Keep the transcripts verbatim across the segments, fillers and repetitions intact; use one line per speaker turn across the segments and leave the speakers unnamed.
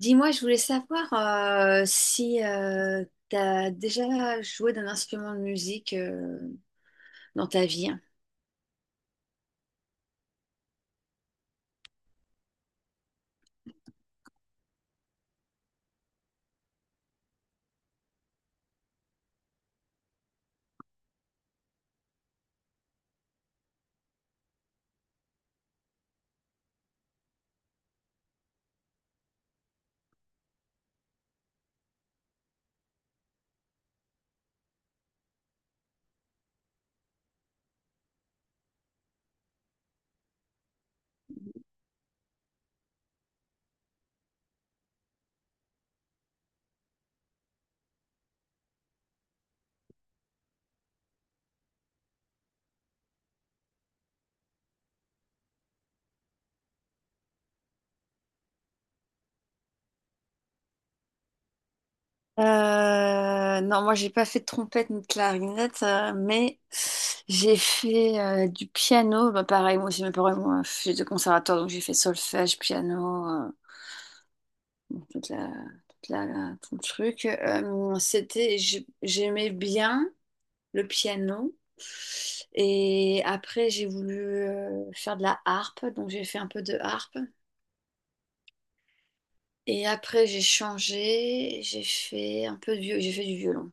Dis-moi, je voulais savoir euh, si tu as déjà joué d'un instrument de musique euh, dans ta vie. Euh, non, moi j'ai pas fait de trompette ni de clarinette, euh, mais j'ai fait euh, du piano. Bah, pareil, moi aussi, mes parents, moi, j'ai de conservatoire, donc j'ai fait solfège, piano, euh, toute la, toute la, la- tout le truc. Euh, c'était, j'ai- j'aimais bien le piano. Et après, j'ai voulu euh, faire de la harpe, donc j'ai fait un peu de harpe. Et après, j'ai changé, j'ai fait un peu de viol- j'ai fait du violon.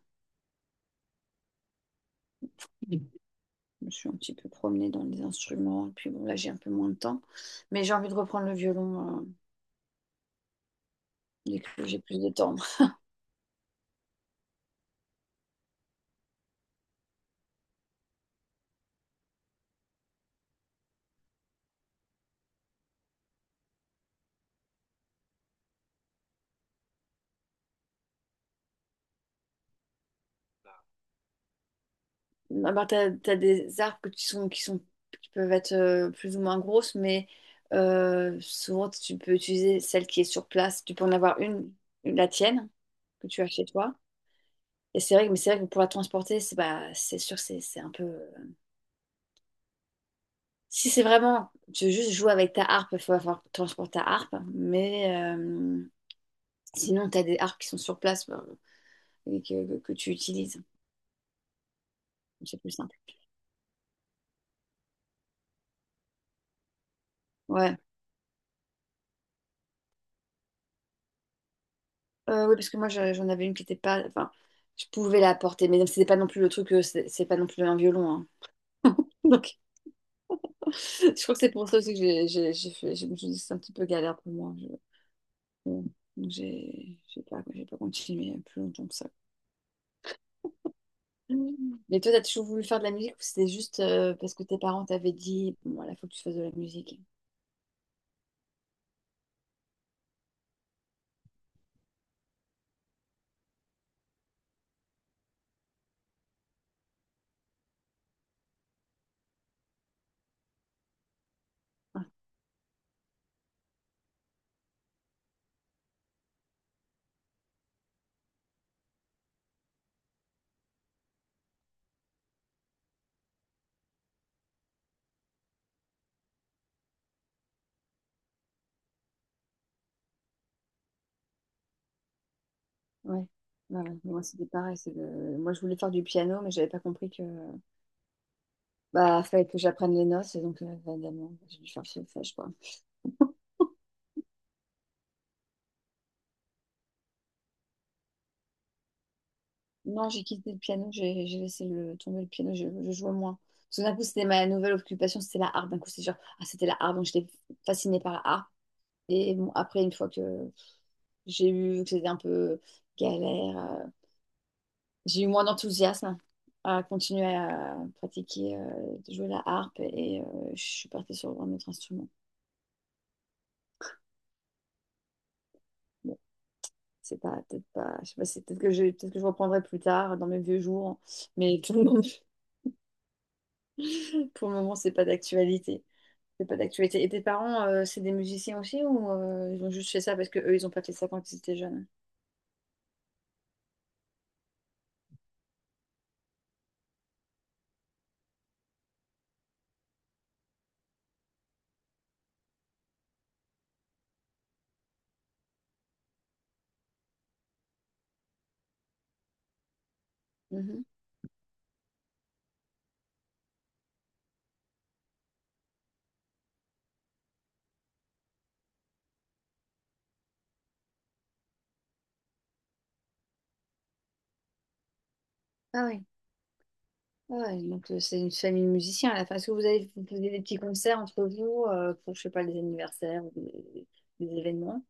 Je me suis un petit peu promenée dans les instruments, et puis bon, là, j'ai un peu moins de temps. Mais j'ai envie de reprendre le violon, euh, dès que j'ai plus de temps. Ah bah, t'as, t'as des arbres que tu- sont, qui sont, qui peuvent être euh, plus ou moins grosses, mais euh, souvent tu peux utiliser celle qui est sur place. Tu peux en avoir une, une- la tienne, que tu as chez toi. Et c'est vrai, que- mais c'est vrai que pour la transporter, c'est bah, c'est sûr, c'est c'est un peu. Si c'est vraiment, tu veux juste jouer avec ta harpe, il faut avoir transporter ta harpe. Mais euh, sinon, tu as des harpes qui sont sur place bah, et que, que tu utilises. C'est plus simple. Ouais. Euh, oui, parce que moi, je- j'en avais une qui était pas. Enfin, je pouvais la porter, mais c'était pas non plus le truc, euh, c'est c'est pas non plus un violon, hein. Donc, je crois que c'est pour ça aussi que j'ai j'ai- j'ai fait. Je me suis dit, c'est un petit peu galère pour moi. Je- bon, donc j'ai j'ai pas, j'ai pas continué plus longtemps que ça. Mhm. Mais toi, t'as toujours voulu faire de la musique ou c'était juste euh, parce que tes parents t'avaient dit, bon, voilà, faut que tu fasses de la musique. Ah, ouais. Ouais, ouais. Moi, c'était pareil. c'est le- Moi, je voulais faire du piano, mais j'avais pas compris que bah fallait que j'apprenne les notes, et donc euh, évidemment, j'ai dû faire solfège, quoi. Non, j'ai quitté le piano, j'ai j'ai laissé le, tomber le piano, je, je jouais moins. Tout d'un coup, c'était ma nouvelle occupation, c'était la harpe. D'un coup, c'est genre, ah, c'était la harpe, donc j'étais fascinée par la harpe. Et bon, après, une fois que j'ai eu que c'était un peu galère, euh, j'ai eu moins d'enthousiasme à continuer à pratiquer, euh, de jouer la harpe et euh, je suis partie sur un autre instrument. Bon, c'est pas, peut-être pas, je sais pas, c'est peut-être que je, peut-être que je reprendrai plus tard dans mes vieux jours, mais tout le monde- pour le moment, c'est pas d'actualité. C'est pas d'actualité. Et tes parents, euh, c'est des musiciens aussi ou euh, ils ont juste fait ça parce que eux, ils ont pas fait ça quand ils étaient jeunes? Mhm. Ah oui. Ah ouais, donc euh, c'est une famille de musiciens à la fin. Est-ce que vous avez vous faisiez des petits concerts entre vous euh, pour, je sais pas, les anniversaires ou des, des événements?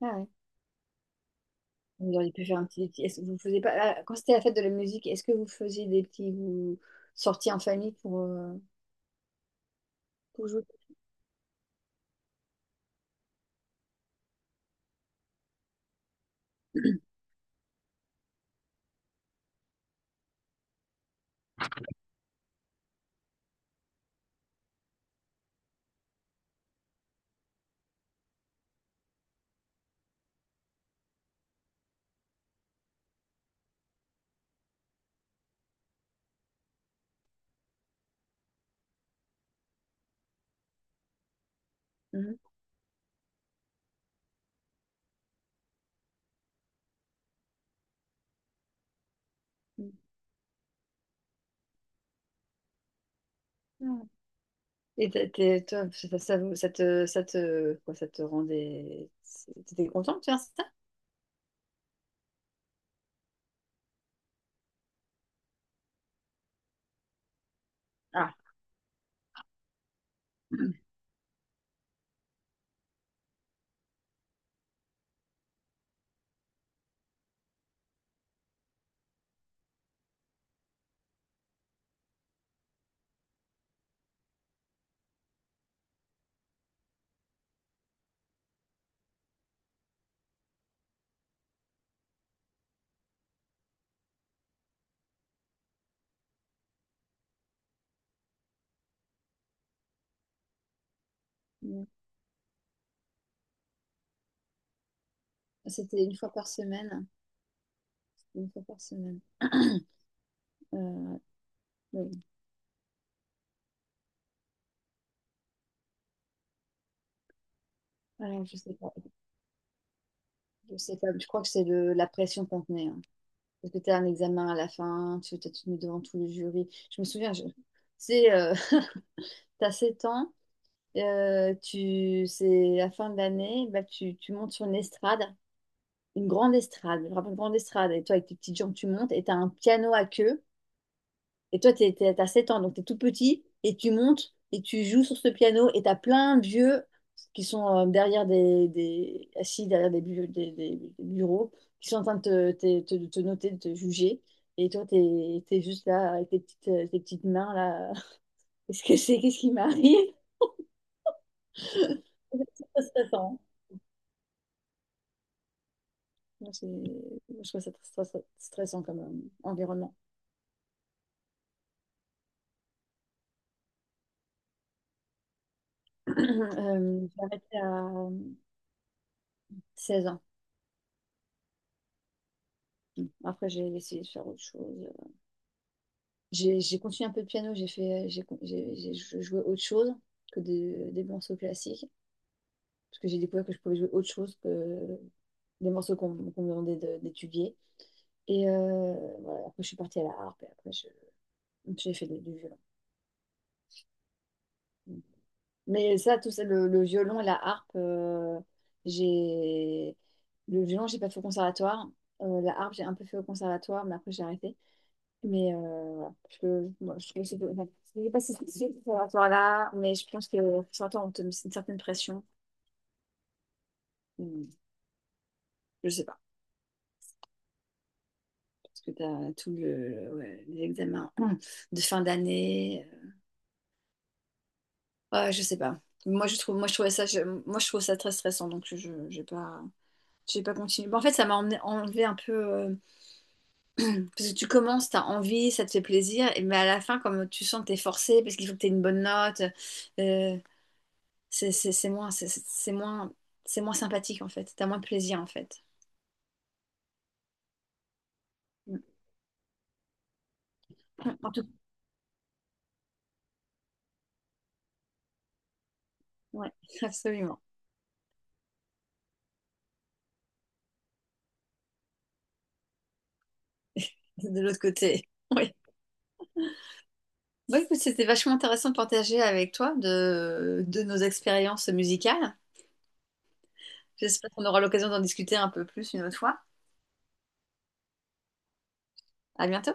Ah ouais. Vous auriez pu faire un petit... petit- est-ce que vous faisiez pas... ah, quand c'était la fête de la musique, est-ce que vous faisiez des petits vous, sorties en famille pour, euh, pour jouer? Mhm. Et t'es- t'es- toi, ça, ça, ça te, ça te, quoi, ça te rendait... T'étais contente de faire ça? Ah. Mm. C'était une fois par semaine. Une fois par semaine. Euh, oui. Alors, je sais pas. Je sais pas. Je crois que c'est le- la pression qu'on tenait, hein. Parce que tu as un examen à la fin, tu t'es mis devant tout le jury. Je me souviens, je- c'est, euh, t'as sept ans, euh, tu, c'est la fin de l'année, bah, tu, tu montes sur une estrade, une grande estrade, je me rappelle, une grande estrade. Et toi, avec tes petites jambes, tu montes et tu as un piano à queue. Et toi, t'es, t'es- t'as sept ans, donc t'es tout petit, et tu montes, et tu joues sur ce piano, et t'as plein de vieux qui sont euh, derrière des, des- assis derrière des, bu- des- des bureaux, qui sont en train de te, te- te- te noter, de te juger. Et toi, t'es, t'es juste là avec tes petites, euh, tes petites mains là. Qu'est-ce que c'est? Qu'est-ce qui m'arrive? C'est très stressant. Moi, c'est- moi, je trouve ça très stress- stressant comme euh, environnement. Euh, j'ai arrêté à seize ans. Après, j'ai essayé de faire autre chose. J'ai j'ai continué un peu de piano, j'ai fait, euh, j'ai con- j'ai- j'ai jou- joué autre chose que des, des morceaux classiques, parce que j'ai découvert que je pouvais jouer autre chose que des morceaux qu'on qu'on me demandait de- d'étudier. Et euh, voilà, après, je suis partie à la harpe, et après, je- j'ai fait du, du violon. Mais ça, tout ça, le, le violon et la harpe, euh, j'ai... Le violon, j'ai pas fait au conservatoire. Euh, la harpe, j'ai un peu fait au conservatoire, mais après, j'ai arrêté. Mais euh, voilà. Je, moi, je trouve que c'est de- enfin, je sais pas si c'est sûr par rapport à là, mais je pense que certains on te met une certaine pression. Hmm, je sais pas, parce que tu as tout le, ouais, les examens hum, de fin d'année. euh, Ouais, je sais pas. Moi je trouve, moi je trouvais ça, je- moi je trouve ça très stressant, donc je, je- j'ai pas, j'ai pas continué. Bon, en fait, ça m'a emmené- enlevé un peu, euh, parce que tu commences, t'as envie, ça te fait plaisir, et- mais à la fin, comme tu sens que t'es forcé, parce qu'il faut que t'aies une bonne note. euh, c'est c'est- c'est moins, c'est c'est- c'est moins, c'est moins sympathique en fait. T'as moins de plaisir en fait. Mm. En tout, ouais, absolument. De l'autre côté, oui. Bon, écoute, c'était vachement intéressant de partager avec toi de, de nos expériences musicales. J'espère qu'on aura l'occasion d'en discuter un peu plus une autre fois. À bientôt.